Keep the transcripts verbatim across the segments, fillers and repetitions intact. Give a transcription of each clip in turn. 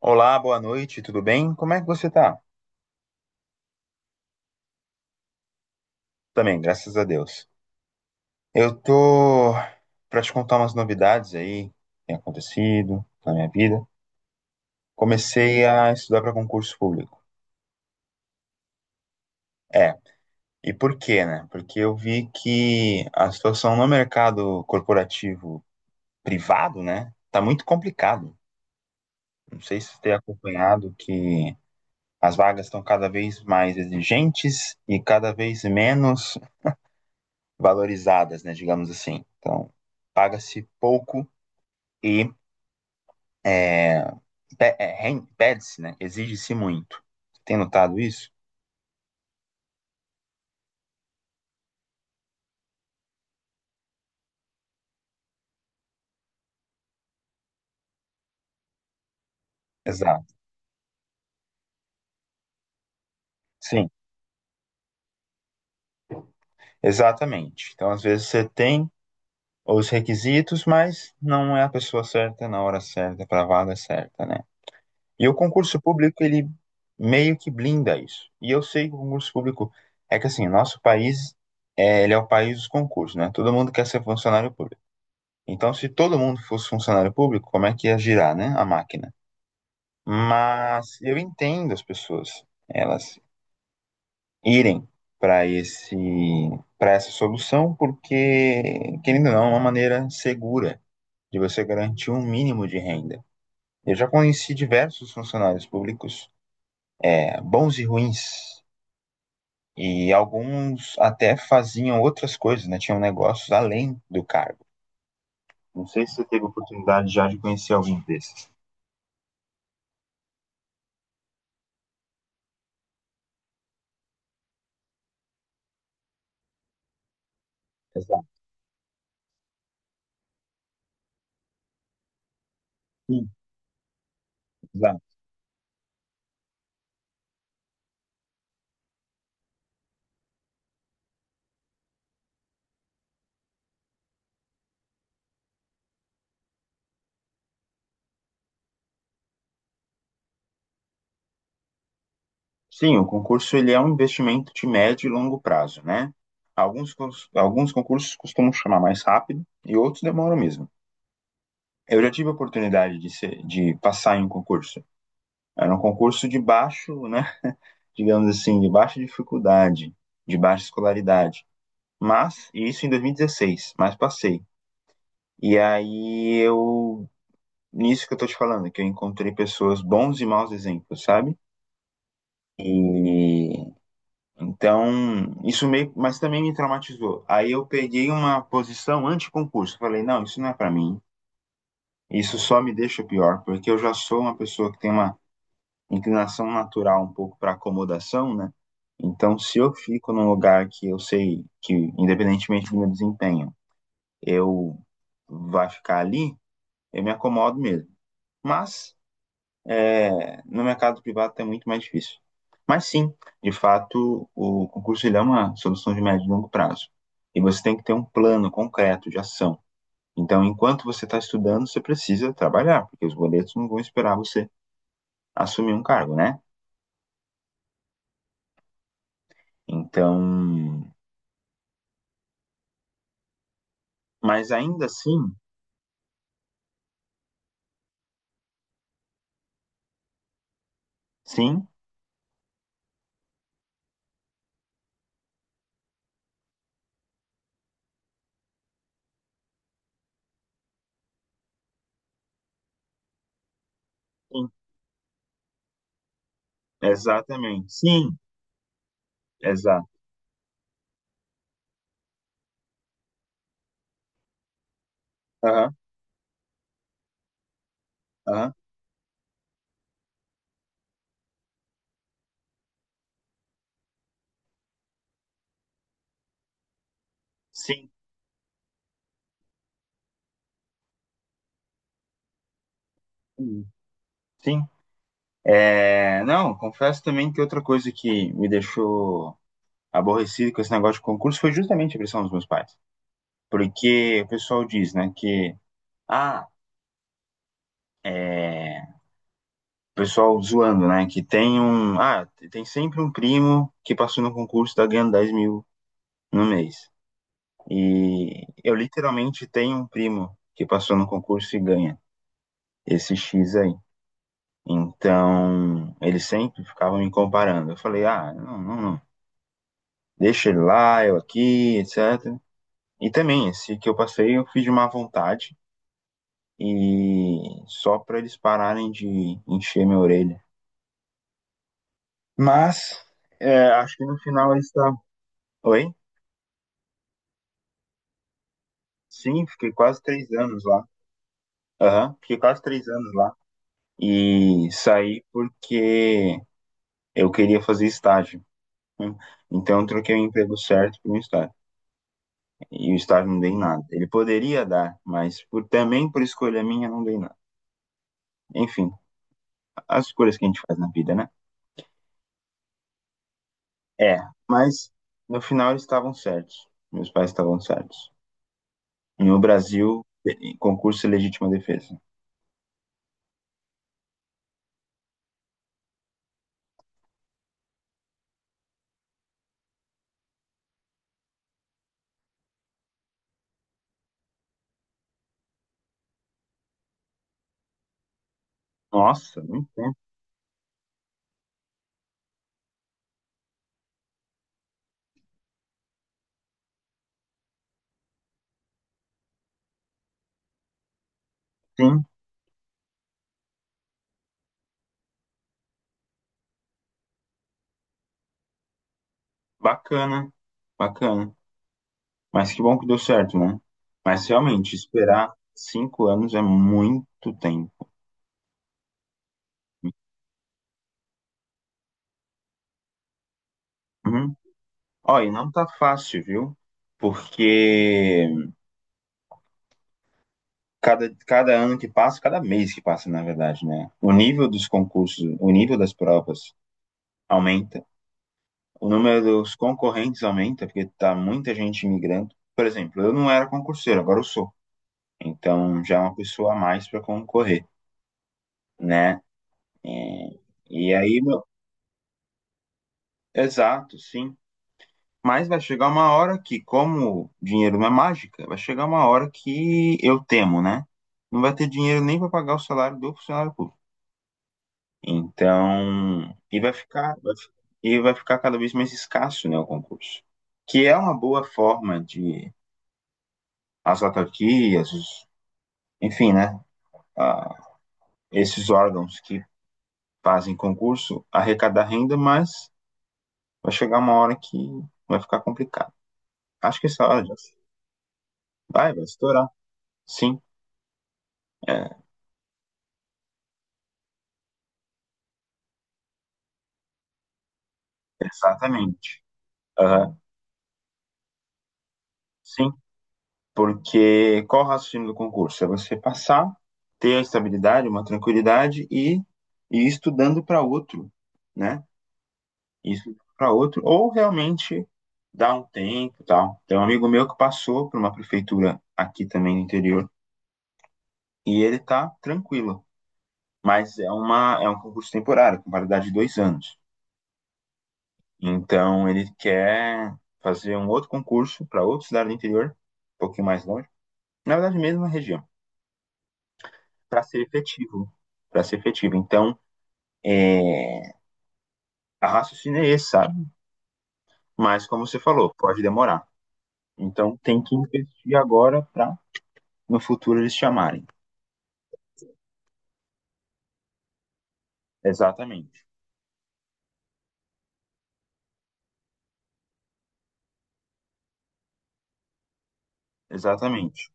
Olá, boa noite, tudo bem? Como é que você tá? Também, graças a Deus. Eu tô para te contar umas novidades aí que tem acontecido na minha vida. Comecei a estudar para concurso público. É, e por quê, né? Porque eu vi que a situação no mercado corporativo privado, né, tá muito complicado. Não sei se você tem acompanhado que as vagas estão cada vez mais exigentes e cada vez menos valorizadas, né, digamos assim. Então, paga-se pouco e é, é, pede-se, né, exige-se muito. Você tem notado isso? Exato. Sim, exatamente. Então, às vezes você tem os requisitos, mas não é a pessoa certa na hora certa para a vaga certa, né? E o concurso público, ele meio que blinda isso. E eu sei que o concurso público é que assim, nosso país é, ele é o país dos concursos, né? Todo mundo quer ser funcionário público. Então, se todo mundo fosse funcionário público, como é que ia girar, né, a máquina? Mas eu entendo as pessoas, elas irem para esse para essa solução, porque, querendo ou não, é uma maneira segura de você garantir um mínimo de renda. Eu já conheci diversos funcionários públicos, é, bons e ruins, e alguns até faziam outras coisas, né? Tinham negócios além do cargo. Não sei se você teve oportunidade já de conhecer algum desses. Exato. Sim, exato. Sim, o concurso ele é um investimento de médio e longo prazo, né? Alguns, cons- alguns concursos costumam chamar mais rápido e outros demoram mesmo. Eu já tive a oportunidade de, ser, de passar em um concurso. Era um concurso de baixo, né? Digamos assim, de baixa dificuldade, de baixa escolaridade. Mas, e isso em dois mil e dezesseis, mas passei. E aí eu, nisso que eu tô te falando, que eu encontrei pessoas, bons e maus exemplos, sabe? E Então, isso meio, mas também me traumatizou. Aí eu peguei uma posição anti-concurso. Falei, não, isso não é para mim. Isso só me deixa pior, porque eu já sou uma pessoa que tem uma inclinação natural um pouco para acomodação, né? Então, se eu fico num lugar que eu sei que, independentemente do meu desempenho, eu vai ficar ali, eu me acomodo mesmo. Mas é, no mercado privado é muito mais difícil. Mas sim, de fato, o concurso ele é uma solução de médio e longo prazo. E você tem que ter um plano concreto de ação. Então, enquanto você está estudando, você precisa trabalhar, porque os boletos não vão esperar você assumir um cargo, né? Então, mas ainda assim, sim, sim, exatamente, sim, exato, aham, aham, sim, sim, sim. É, não, confesso também que outra coisa que me deixou aborrecido com esse negócio de concurso foi justamente a pressão dos meus pais. Porque o pessoal diz, né, que, ah, é, o pessoal zoando, né, que tem um, ah, tem sempre um primo que passou no concurso e tá ganhando dez mil no mês. E eu literalmente tenho um primo que passou no concurso e ganha esse X aí. Então, eles sempre ficavam me comparando. Eu falei, ah, não, não, não. Deixa ele lá, eu aqui, etcetera. E também, esse que eu passei, eu fiz de má vontade, e só para eles pararem de encher minha orelha. Mas é, acho que no final eles estavam. Oi? Sim, fiquei quase três anos lá. Aham, fiquei quase três anos lá. E saí porque eu queria fazer estágio. Então eu troquei o emprego certo por um estágio. E o estágio não dei nada. Ele poderia dar, mas por, também por escolha minha não dei nada. Enfim, as escolhas que a gente faz na vida, né? É, mas no final eles estavam certos. Meus pais estavam certos. No Brasil, em concurso e legítima defesa. Nossa, muito tempo, sim. Bacana, bacana. Mas que bom que deu certo, né? Mas realmente, esperar cinco anos é muito tempo. Uhum. Ó, e não tá fácil, viu? Porque cada, cada ano que passa, cada mês que passa, na verdade, né? O nível dos concursos, o nível das provas aumenta, o número dos concorrentes aumenta, porque tá muita gente migrando. Por exemplo, eu não era concurseiro, agora eu sou. Então já é uma pessoa a mais para concorrer, né? E, e aí, meu, exato, sim. Mas vai chegar uma hora que, como dinheiro não é mágica, vai chegar uma hora que eu temo, né? Não vai ter dinheiro nem para pagar o salário do funcionário público. Então, e vai ficar, vai fi- e vai ficar cada vez mais escasso, né, o concurso. Que é uma boa forma de as autarquias, os- enfim, né, a- esses órgãos que fazem concurso arrecadar renda, mas vai chegar uma hora que vai ficar complicado. Acho que essa hora já se- vai, vai estourar. Sim, é, exatamente. Aham, sim, porque qual o raciocínio do concurso? É você passar, ter a estabilidade, uma tranquilidade e, e ir estudando para outro, né? Ir estudando para outro, ou realmente dar um tempo e tal. Tem um amigo meu que passou por uma prefeitura aqui também no interior e ele tá tranquilo, mas é uma, é um concurso temporário, com validade de dois anos. Então ele quer fazer um outro concurso para outra cidade do interior, um pouquinho mais longe, na verdade, mesmo na região, para ser efetivo, para ser efetivo. Então, é, a raciocínio é esse, sabe? Mas como você falou, pode demorar. Então tem que investir agora para no futuro eles chamarem. Exatamente. Exatamente.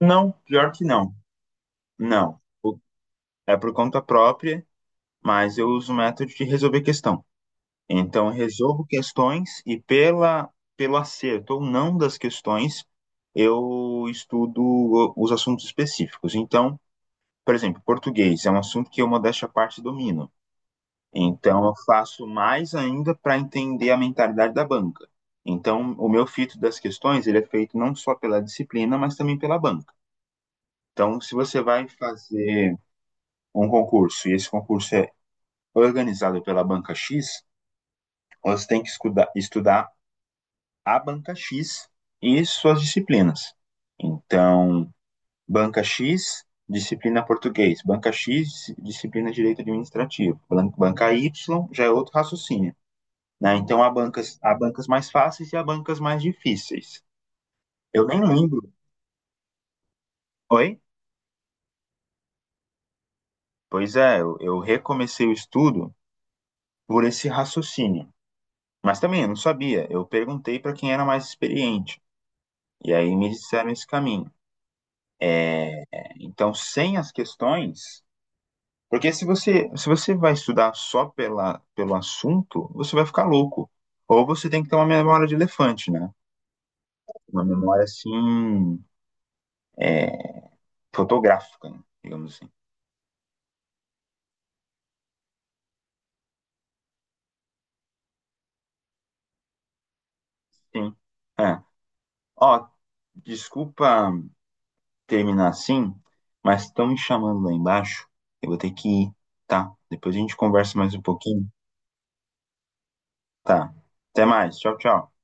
Não, pior que não. Não. O- É por conta própria, mas eu uso o método de resolver questão. Então, resolvo questões e pela, pelo acerto ou não das questões, eu estudo os assuntos específicos. Então, por exemplo, português é um assunto que eu, modéstia à parte, domino. Então, eu faço mais ainda para entender a mentalidade da banca. Então, o meu filtro das questões, ele é feito não só pela disciplina, mas também pela banca. Então, se você vai fazer um concurso e esse concurso é organizado pela banca X, você tem que escuda- estudar a banca X e suas disciplinas. Então, banca X, disciplina português, banca X, disciplina direito administrativo, banca Y já é outro raciocínio. Né? Então, há bancas, há bancas mais fáceis e há bancas mais difíceis. Eu nem lembro. Oi? Pois é, eu, eu recomecei o estudo por esse raciocínio. Mas também eu não sabia. Eu perguntei para quem era mais experiente. E aí me disseram esse caminho. Então, sem as questões. Porque se você, se você vai estudar só pela, pelo assunto, você vai ficar louco. Ou você tem que ter uma memória de elefante, né? Uma memória assim, é, fotográfica, né? Digamos assim. Sim. É. Ó, desculpa terminar assim, mas estão me chamando lá embaixo. Eu vou ter que ir, tá? Depois a gente conversa mais um pouquinho. Tá. Até mais. Tchau, tchau.